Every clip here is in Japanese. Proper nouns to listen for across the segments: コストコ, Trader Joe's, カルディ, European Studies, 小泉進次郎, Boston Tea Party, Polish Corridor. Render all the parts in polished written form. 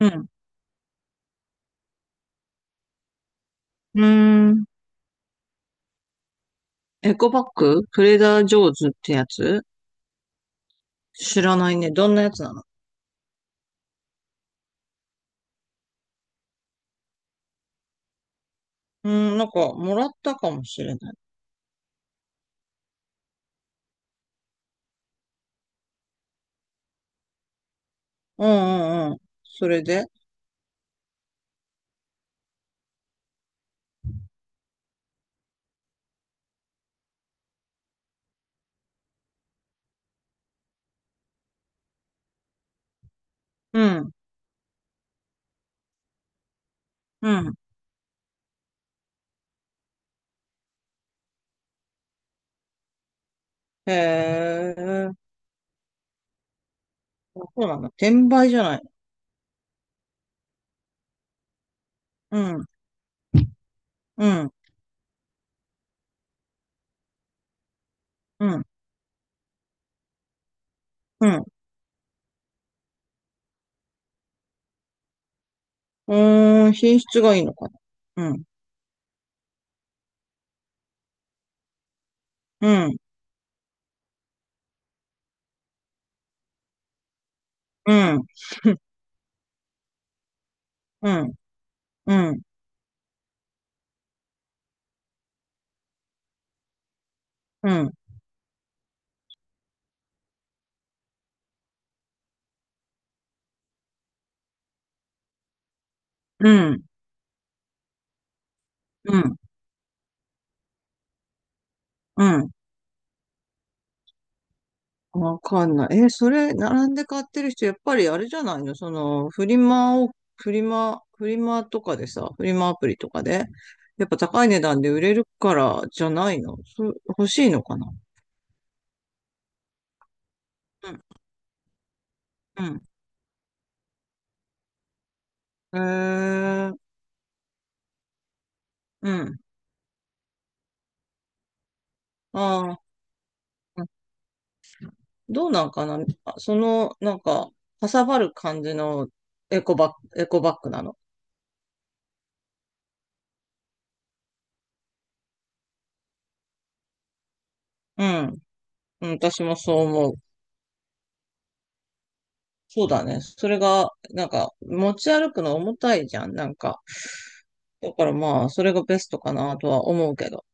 うん。うーん。エコバッグ、トレーダージョーズってやつ知らないね。どんなやつなの？うーん、もらったかもしれない。うんうんうん。それで、うん、うん。へえ、そうなんだ。転売じゃない？うん、うん、うん、うん。うーん、品質がいいのかな。うん、うん、うん、うん、うん、うん、うん、うん、うん。わかんない。え、それ、並んで買ってる人、やっぱりあれじゃないの、その、フリマを、フリマとかでさ、フリマアプリとかで、やっぱ高い値段で売れるからじゃないの？そ、欲しいのかな。うん、うん。へえ、うん。ああ、どうなんかな。あ、その、かさばる感じの、エコバッグなの？うん。うん、私もそう思う。そうだね。それが、持ち歩くの重たいじゃん。だからまあ、それがベストかなとは思うけど。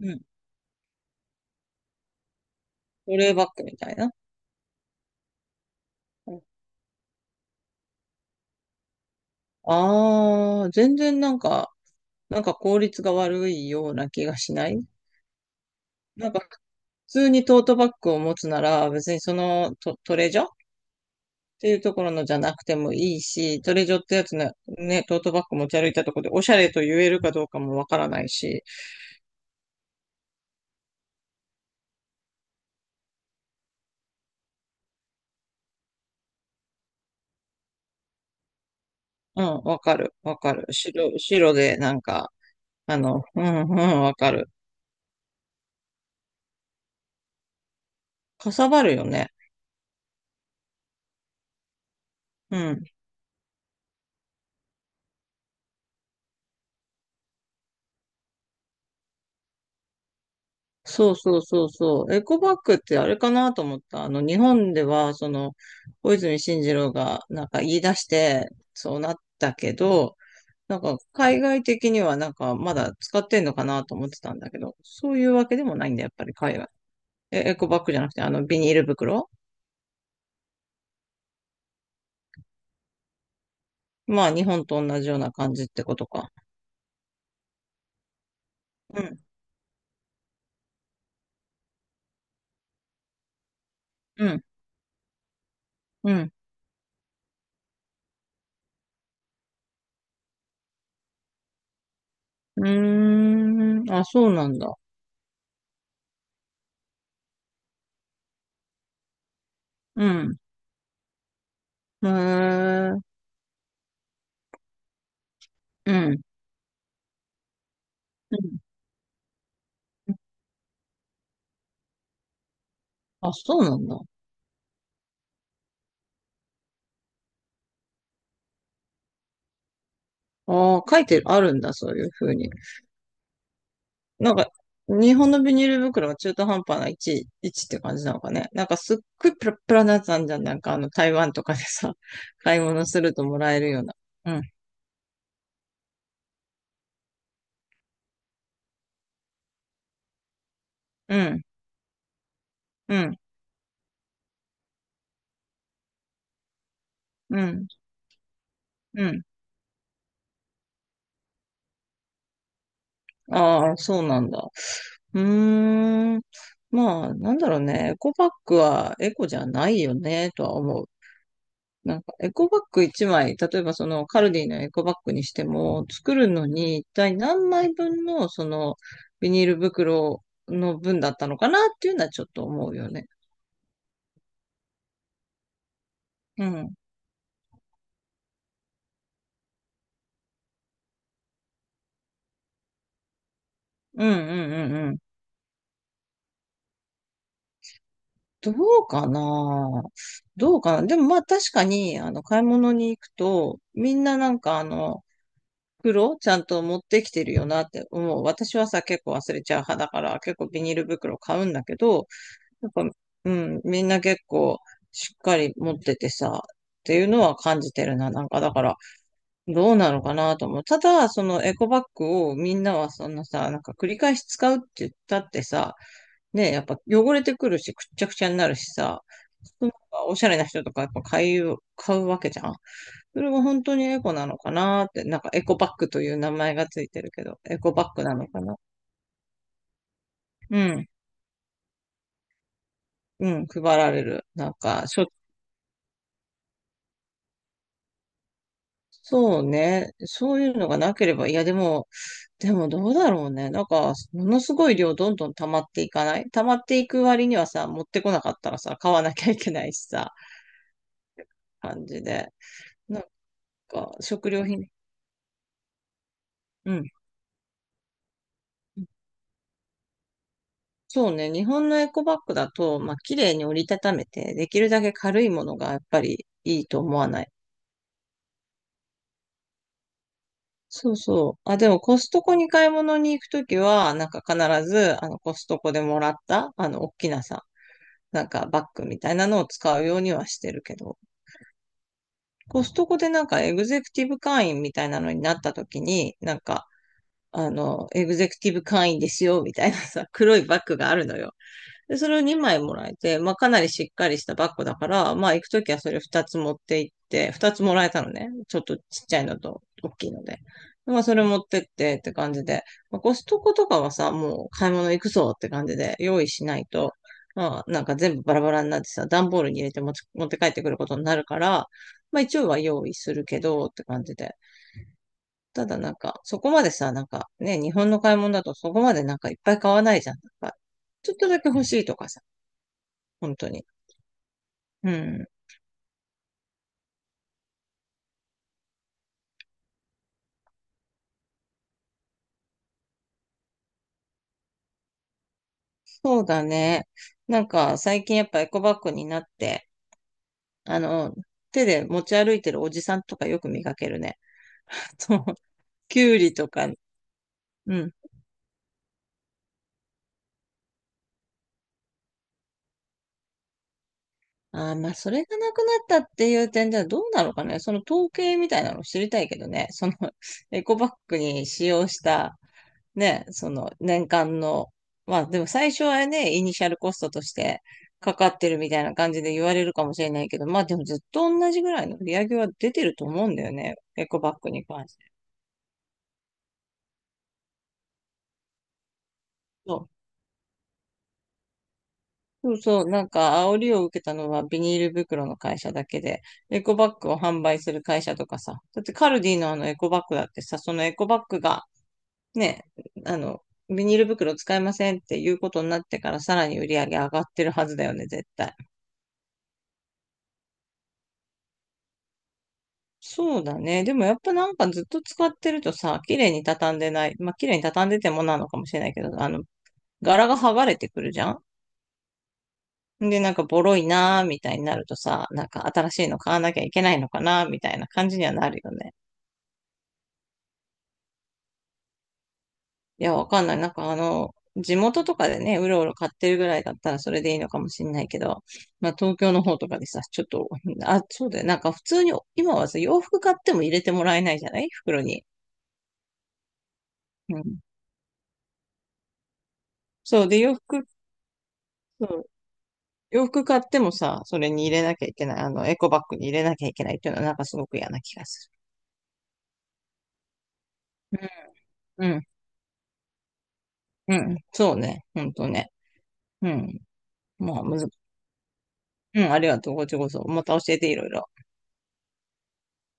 うん。トレーバックみたいな。ああー、全然なんか、なんか効率が悪いような気がしない？なんか普通にトートバッグを持つなら別にそのト、トレジョっていうところのじゃなくてもいいし、トレジョってやつね。ね、トートバッグ持ち歩いたところでおしゃれと言えるかどうかもわからないし。うん、わかる、わかる。白、白でなんか、あの、うん、うん、わかる。かさばるよね。うん。そうそうそうそう。エコバッグってあれかなと思った。あの、日本では、その、小泉進次郎がなんか言い出して、そうなったけど、なんか海外的にはなんかまだ使ってんのかなと思ってたんだけど、そういうわけでもないんだ、やっぱり海外。え、エコバッグじゃなくて、あの、ビニール袋。まあ、日本と同じような感じってことか。うん、うん、うん。うーん、あ、そうなんだ。うん、へー、うん、うん。あ、そうなんだ。ああ、書いてあるんだ、そういう風に。なんか、日本のビニール袋が中途半端な位置って感じなのかね。なんかすっごいプラプラなやつあんじゃん。なんかあの台湾とかでさ、買い物するともらえるような。うん、うん、うん、うん、うん。ああ、そうなんだ。うーん。まあ、なんだろうね。エコバッグはエコじゃないよね、とは思う。なんかエコバッグ1枚、例えばそのカルディのエコバッグにしても、作るのに一体何枚分のそのビニール袋の分だったのかなっていうのはちょっと思うよね。うん。うんうんうんうん。どうかなどうかなでもまあ確かに、あの、買い物に行くと、みんななんかあの、袋ちゃんと持ってきてるよなって思う。私はさ、結構忘れちゃう派だから、結構ビニール袋買うんだけど、なんか、うん、みんな結構しっかり持っててさ、っていうのは感じてるな。だから、どうなのかなと思う。ただ、そのエコバッグをみんなはそんなさ、なんか繰り返し使うって言ったってさ、ね、やっぱ汚れてくるし、くっちゃくちゃになるしさ、なんかおしゃれな人とかやっぱ買うわけじゃん。それが本当にエコなのかなって、なんかエコバッグという名前がついてるけど、エコバッグなのかな。うん、うん、配られる。なんか、そうね。そういうのがなければ、いや、でも、でもどうだろうね。なんか、ものすごい量どんどん溜まっていく割にはさ、持ってこなかったらさ、買わなきゃいけないしさ、感じで。なんか、食料品。うん。そうね。日本のエコバッグだと、まあ、綺麗に折りたためて、できるだけ軽いものがやっぱりいいと思わない？そうそう。あ、でもコストコに買い物に行くときは、なんか必ず、あの、コストコでもらった、あの、大きなさ、なんかバッグみたいなのを使うようにはしてるけど、コストコでなんかエグゼクティブ会員みたいなのになった時に、なんか、あの、エグゼクティブ会員ですよ、みたいなさ、黒いバッグがあるのよ。で、それを2枚もらえて、まあかなりしっかりしたバッグだから、まあ行くときはそれ2つ持って行って、2つもらえたのね。ちょっとちっちゃいのと大きいので。まあそれ持ってってって感じで、まあ、コストコとかはさ、もう買い物行くぞって感じで用意しないと、まあなんか全部バラバラになってさ、段ボールに入れて持って帰ってくることになるから、まあ一応は用意するけどって感じで。ただなんか、そこまでさ、なんかね、日本の買い物だとそこまでなんかいっぱい買わないじゃん。なんかちょっとだけ欲しいとかさ、本当に。うん。そうだね。なんか最近やっぱエコバッグになって、あの、手で持ち歩いてるおじさんとかよく見かけるね。そう。キュウリとか。うん。ああ、まあ、それがなくなったっていう点ではどうなのかね。その統計みたいなの知りたいけどね。その エコバッグに使用したね、その年間の、まあでも最初はね、イニシャルコストとしてかかってるみたいな感じで言われるかもしれないけど、まあでもずっと同じぐらいの売り上げは出てると思うんだよね。エコバッグに関して。そうそうそう、なんか煽りを受けたのはビニール袋の会社だけで、エコバッグを販売する会社とかさ、だってカルディのあのエコバッグだってさ、そのエコバッグがね、あの、ビニール袋使いませんっていうことになってからさらに売り上げ上がってるはずだよね、絶対。そうだね。でもやっぱなんかずっと使ってるとさ、綺麗に畳んでない。まあ綺麗に畳んでてもなのかもしれないけど、あの、柄が剥がれてくるじゃん。で、なんかボロいなーみたいになるとさ、なんか新しいの買わなきゃいけないのかなーみたいな感じにはなるよね。いや、わかんない。なんかあの、地元とかでね、うろうろ買ってるぐらいだったらそれでいいのかもしれないけど、まあ東京の方とかでさ、ちょっと、あ、そうだよ。なんか普通に、今はさ、洋服買っても入れてもらえないじゃない、袋に。うん。そうで、そう洋服買ってもさ、それに入れなきゃいけない。あの、エコバッグに入れなきゃいけないっていうのはなんかすごく嫌な気がする。うん、うん、うん。そうね。ほんとね。うん。まあ、むず、うん、ありがとう。こっちこそ。また教えていろいろ。